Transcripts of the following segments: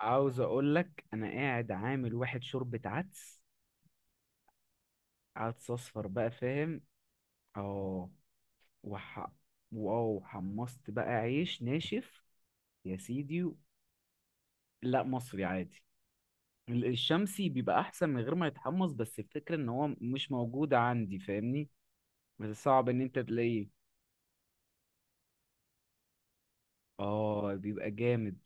عاوز اقول لك انا قاعد عامل واحد شوربة عدس. عدس اصفر بقى، فاهم؟ اه. وح... واو حمصت بقى عيش ناشف. يا سيدي لا، مصري عادي. ال- الشمسي بيبقى احسن من غير ما يتحمص، بس الفكرة ان هو مش موجود عندي، فاهمني؟ بس صعب ان انت تلاقيه. اه، بيبقى جامد.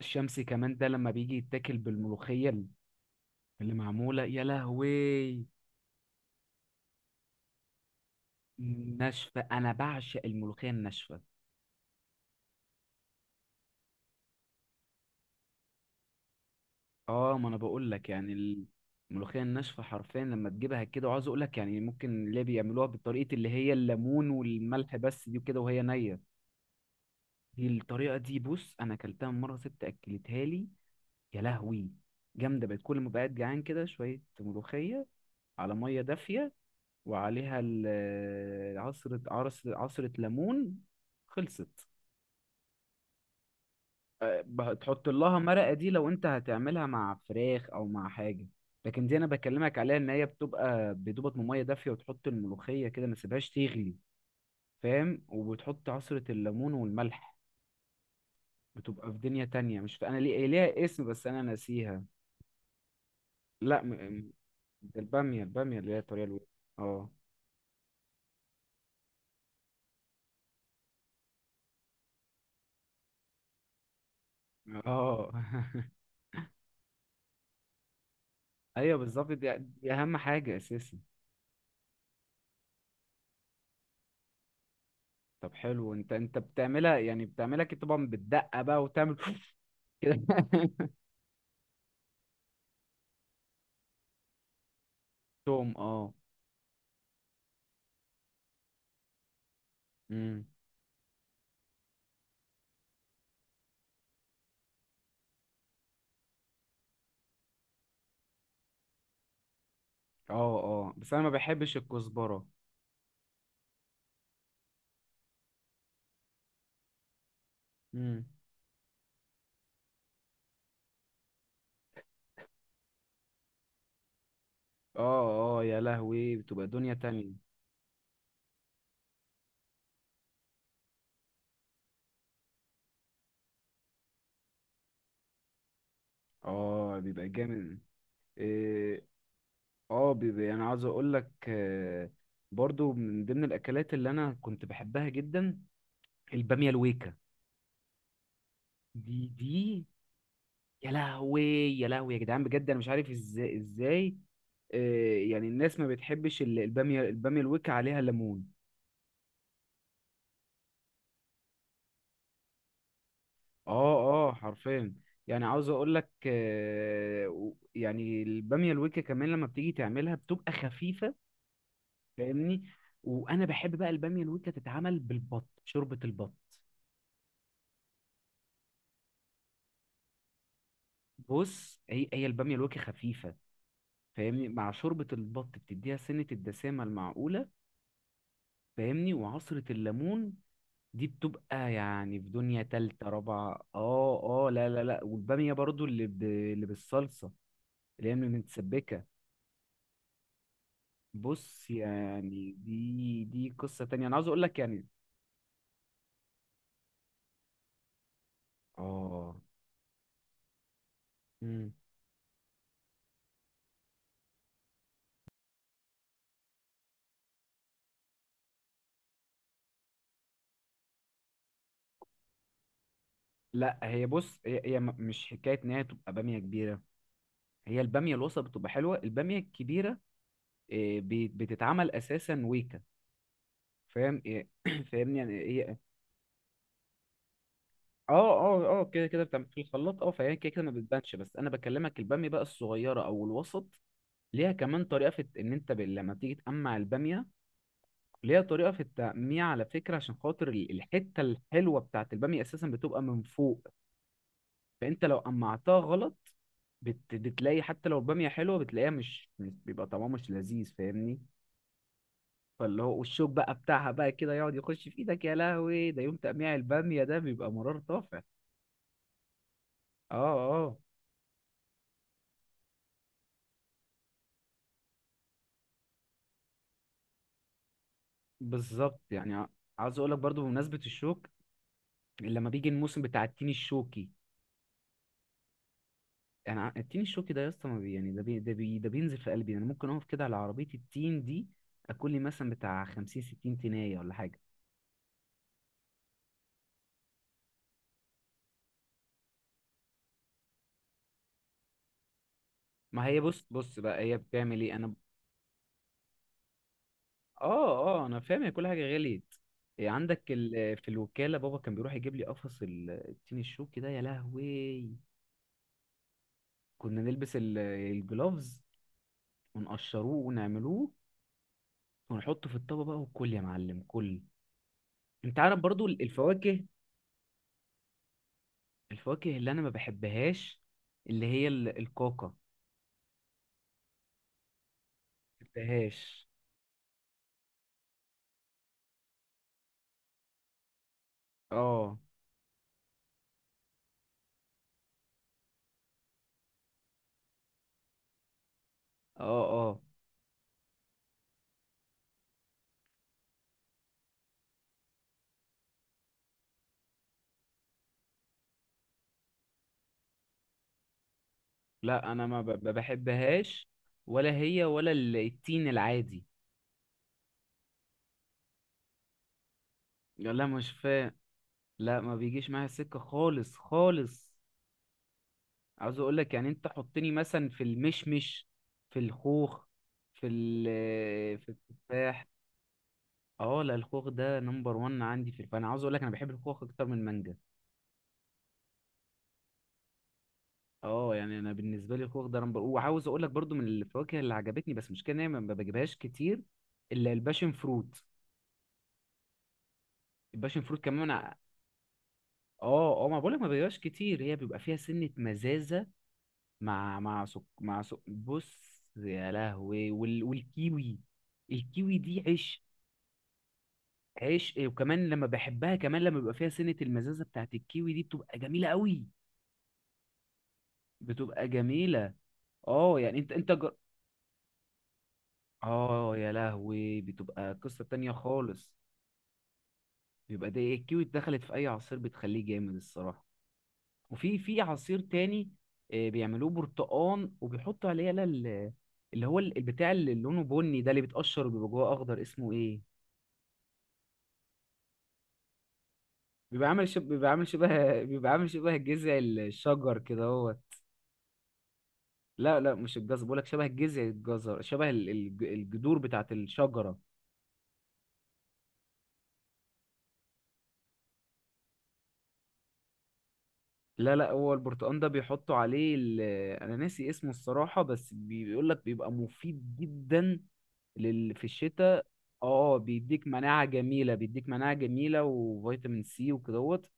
الشمسي كمان ده لما بيجي يتاكل بالملوخية اللي معمولة، يا لهوي. ناشفة، انا بعشق الملوخية الناشفة. اه، ما انا بقول لك يعني. الملوخيه الناشفه حرفيا لما تجيبها كده، وعاوز اقول لك يعني ممكن اللي بيعملوها بالطريقه اللي هي الليمون والملح بس دي وكده وهي نيه. دي الطريقه دي، بص، انا اكلتها من مره ست اكلتها لي. يا لهوي، جامده بقت. كل ما بقعد جعان كده شويه ملوخيه على ميه دافيه، وعليها عصره ليمون. خلصت. تحط لها مرقة دي لو انت هتعملها مع فراخ او مع حاجة. لكن دي انا بكلمك عليها ان هي بتبقى بدوبة مية دافية وتحط الملوخية كده، ما تسيبهاش تغلي. فاهم، وبتحط عصرة الليمون والملح. بتبقى في دنيا تانية، مش انا ليه ليها اسم بس انا ناسيها. لا، ده البامية. البامية اللي هي الطريقة اه. اه. ايوه بالظبط، دي اهم حاجة اساسا. طب حلو، انت بتعملها يعني، بتعملها كده طبعا بالدقة بقى وتعمل كده. توم، اه. امم اه اه، بس انا ما بحبش الكزبرة. امم اه اه يا لهوي، بتبقى دنيا تانية. اه، بيبقى جامد. إيه، اه بيبقى. انا عاوز اقول لك، برضو من ضمن الاكلات اللي انا كنت بحبها جدا البامية الويكا. دي يا لهوي. يا لهوي يا جدعان، بجد انا مش عارف ازاي. يعني الناس ما بتحبش البامية. البامية الويكا عليها ليمون. اه اه حرفيا. يعني عاوز اقول لك يعني الباميه الويكا كمان لما بتيجي تعملها بتبقى خفيفه، فاهمني؟ وانا بحب بقى الباميه الويكا تتعمل بالبط، شوربه البط. بص، هي الباميه الويكا خفيفه، فاهمني؟ مع شوربه البط بتديها سنه الدسامه المعقوله، فاهمني؟ وعصره الليمون دي بتبقى يعني في دنيا تالتة رابعة. اه اه، لا لا لا. والبامية برضو اللي بالصلصة، اللي هي متسبكة. بص يعني دي قصة تانية، انا عاوز اقول لك يعني. اه. مم. لا، هي بص، هي مش حكاية ان هي تبقى بامية كبيرة. هي البامية الوسط بتبقى حلوة. البامية الكبيرة، إيه، بتتعمل اساسا ويكا، فاهم؟ إيه، فاهمني؟ يعني هي. اه اه اه، كده بتعمل في الخلاط، اه. فهي كده ما بتبانش. بس انا بكلمك البامية بقى الصغيرة او الوسط، ليها كمان طريقة في ان انت لما تيجي تقمع البامية، ليها طريقة في التقميع على فكرة. عشان خاطر الحتة الحلوة بتاعت البامية أساسا بتبقى من فوق. فأنت لو قمعتها غلط، بتلاقي حتى لو البامية حلوة بتلاقيها بيبقى طعمها مش لذيذ، فاهمني؟ فاللي هو والشوك بقى بتاعها بقى كده يقعد يخش في ايدك. يا لهوي، ده يوم تقميع البامية ده بيبقى مرار طافح. اه اه بالظبط. عاوز اقول لك برضو بمناسبة الشوك، لما بيجي الموسم بتاع التين الشوكي. التين الشوكي ده يا اسطى، ما بي- يعني ده بينزل في قلبي. انا ممكن اقف كده على عربيه التين دي اكل لي مثلا بتاع 50 60 تينيه ولا حاجه. ما هي بص، بص بقى، هي بتعمل ايه انا. اه اه انا فاهم، هي كل حاجه غليت. إيه، في الوكاله بابا كان بيروح يجيب لي قفص التين الشوكي ده، يا لهوي. كنا نلبس الجلوفز ونقشروه ونعملوه ونحطه في الطبق بقى، وكل يا معلم كل. انت عارف برضو الفواكه. الفواكه اللي انا ما بحبهاش، اللي هي الكاكا. بحبهاش. اه اه اه، لا انا ما بحبهاش. ولا هي ولا التين العادي. لا مش فاهم. لا، ما بيجيش معايا سكة خالص خالص. عاوز اقول لك يعني انت حطني مثلا في المشمش، في الخوخ، في ال في التفاح. اه لا، الخوخ ده نمبر وان عندي. في، فانا عاوز اقول لك انا بحب الخوخ اكتر من المانجا. اه، يعني انا بالنسبه لي الخوخ ده نمبر وعاوز اقول لك برضو من الفواكه اللي عجبتني بس مش كده ان هي ما بجيبهاش كتير، الا الباشن فروت. الباشا المفروض كمان اه اه، ما بقولك ما بيبقاش كتير. هي بيبقى فيها سنة مزازة. بص يا لهوي، والكيوي. الكيوي دي عيش. عيش، إيه، وكمان لما بحبها، كمان لما بيبقى فيها سنة المزازة بتاعت الكيوي دي بتبقى جميلة قوي. بتبقى جميلة. اه يعني اه يا لهوي، بتبقى قصة تانية خالص. بيبقى ده الكيوي اتدخلت في اي عصير بتخليه جامد الصراحة. وفي عصير تاني بيعملوه برتقان وبيحطوا عليه يلا اللي هو البتاع، اللي لونه بني ده اللي بيتقشر وبيبقى جواه اخضر، اسمه ايه؟ بيبقى عامل شب... بيبقى عامل شبه بيبقى عامل شبه جذع الشجر كده هو. لا لا، مش الجزر، بقولك شبه جذع الجزر، شبه الجذور بتاعت الشجرة. لا لا، هو البرتقال ده بيحطوا عليه انا ناسي اسمه الصراحة. بس بيقول لك بيبقى مفيد جدا في الشتاء. اه، بيديك مناعة جميلة، بيديك مناعة جميلة وفيتامين سي وكدهوت.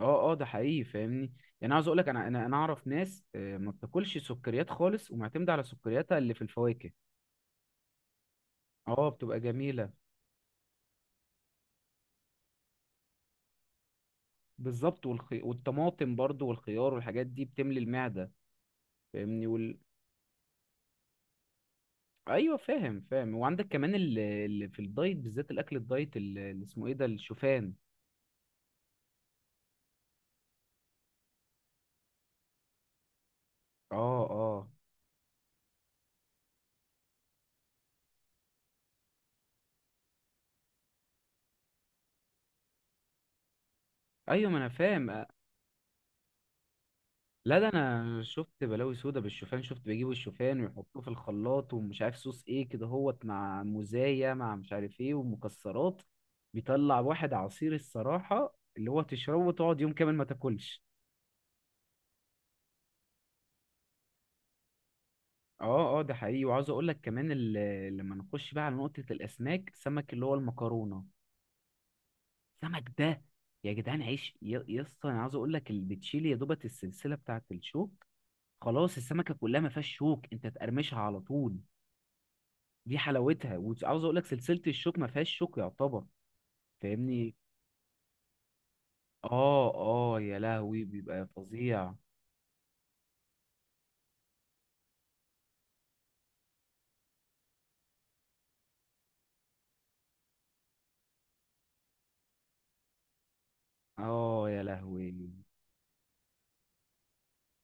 اه اه ده حقيقي، فاهمني؟ يعني عاوز اقول لك انا انا اعرف ناس ما بتاكلش سكريات خالص ومعتمدة على سكرياتها اللي في الفواكه. اه بتبقى جميلة. بالظبط، والطماطم برضو والخيار والحاجات دي بتملي المعدة، فاهمني؟ ايوه فاهم فاهم. وعندك كمان اللي في الدايت، بالذات الاكل الدايت اللي اسمه ايه ده، الشوفان. اه اه. ايوه، ما انا فاهم. لا، ده انا شفت بلاوي سودا بالشوفان. شفت بيجيبوا الشوفان ويحطوه في الخلاط ومش عارف صوص ايه كده هوت، مع موزاية، مع مش عارف ايه، ومكسرات. بيطلع واحد عصير الصراحة اللي هو تشربه وتقعد يوم كامل ما تاكلش. اه اه ده حقيقي. وعاوز اقول لك كمان لما نخش بقى على نقطة الاسماك، سمك اللي هو المكرونة. السمك ده يا جدعان عيش، يا اسطى، انا عاوز اقول لك اللي بتشيل يا دوبت السلسله بتاعه الشوك، خلاص، السمكه كلها ما فيهاش شوك، انت تقرمشها على طول. دي حلاوتها. وعاوز اقول لك سلسله الشوك ما فيهاش شوك يعتبر، فاهمني؟ اه اه يا لهوي، بيبقى فظيع. اه يا لهوي.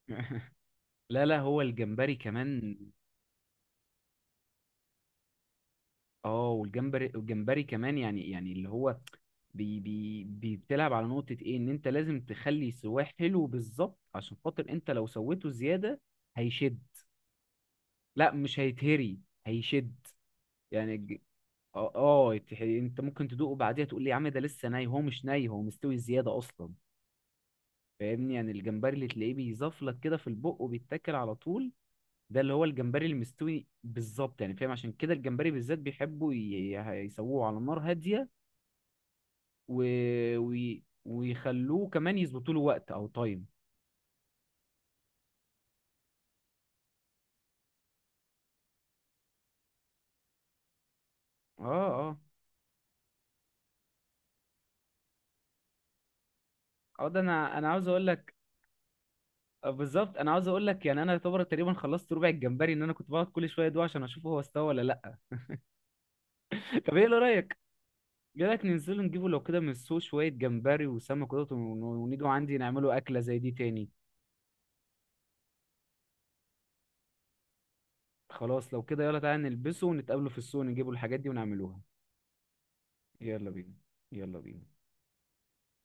لا لا، هو الجمبري كمان. اه والجمبري، والجمبري كمان يعني اللي هو بتلعب على نقطة ايه، ان انت لازم تخلي سواه حلو بالظبط عشان خاطر انت لو سويته زيادة هيشد. لا مش هيتهري، هيشد. يعني اه، انت ممكن تدوقه بعديها تقول لي يا عم ده لسه ني، هو مش ني، هو مستوي زيادة اصلا، فاهمني؟ يعني الجمبري اللي تلاقيه بيزفلك كده في البق وبيتاكل على طول، ده اللي هو الجمبري المستوي بالظبط، يعني فاهم؟ عشان كده الجمبري بالذات بيحبوا يسووه على نار هادية و... ويخلوه كمان يظبطوا له وقت او تايم. اه اه اه، ده انا، عاوز اقول لك بالظبط. انا عاوز اقول لك يعني انا يعتبر تقريبا خلصت ربع الجمبري، ان انا كنت بقعد كل شويه ادوق عشان اشوف هو استوى ولا لا. طب ايه اللي رايك، ايه رايك ننزل نجيبه لو كده من السوق شويه جمبري وسمك كده، ونيجوا عندي نعمله اكله زي دي تاني. خلاص لو كده، يلا تعالى نلبسه ونتقابلوا في السوق، نجيبوا الحاجات دي ونعملوها. يلا بينا. يلا بينا.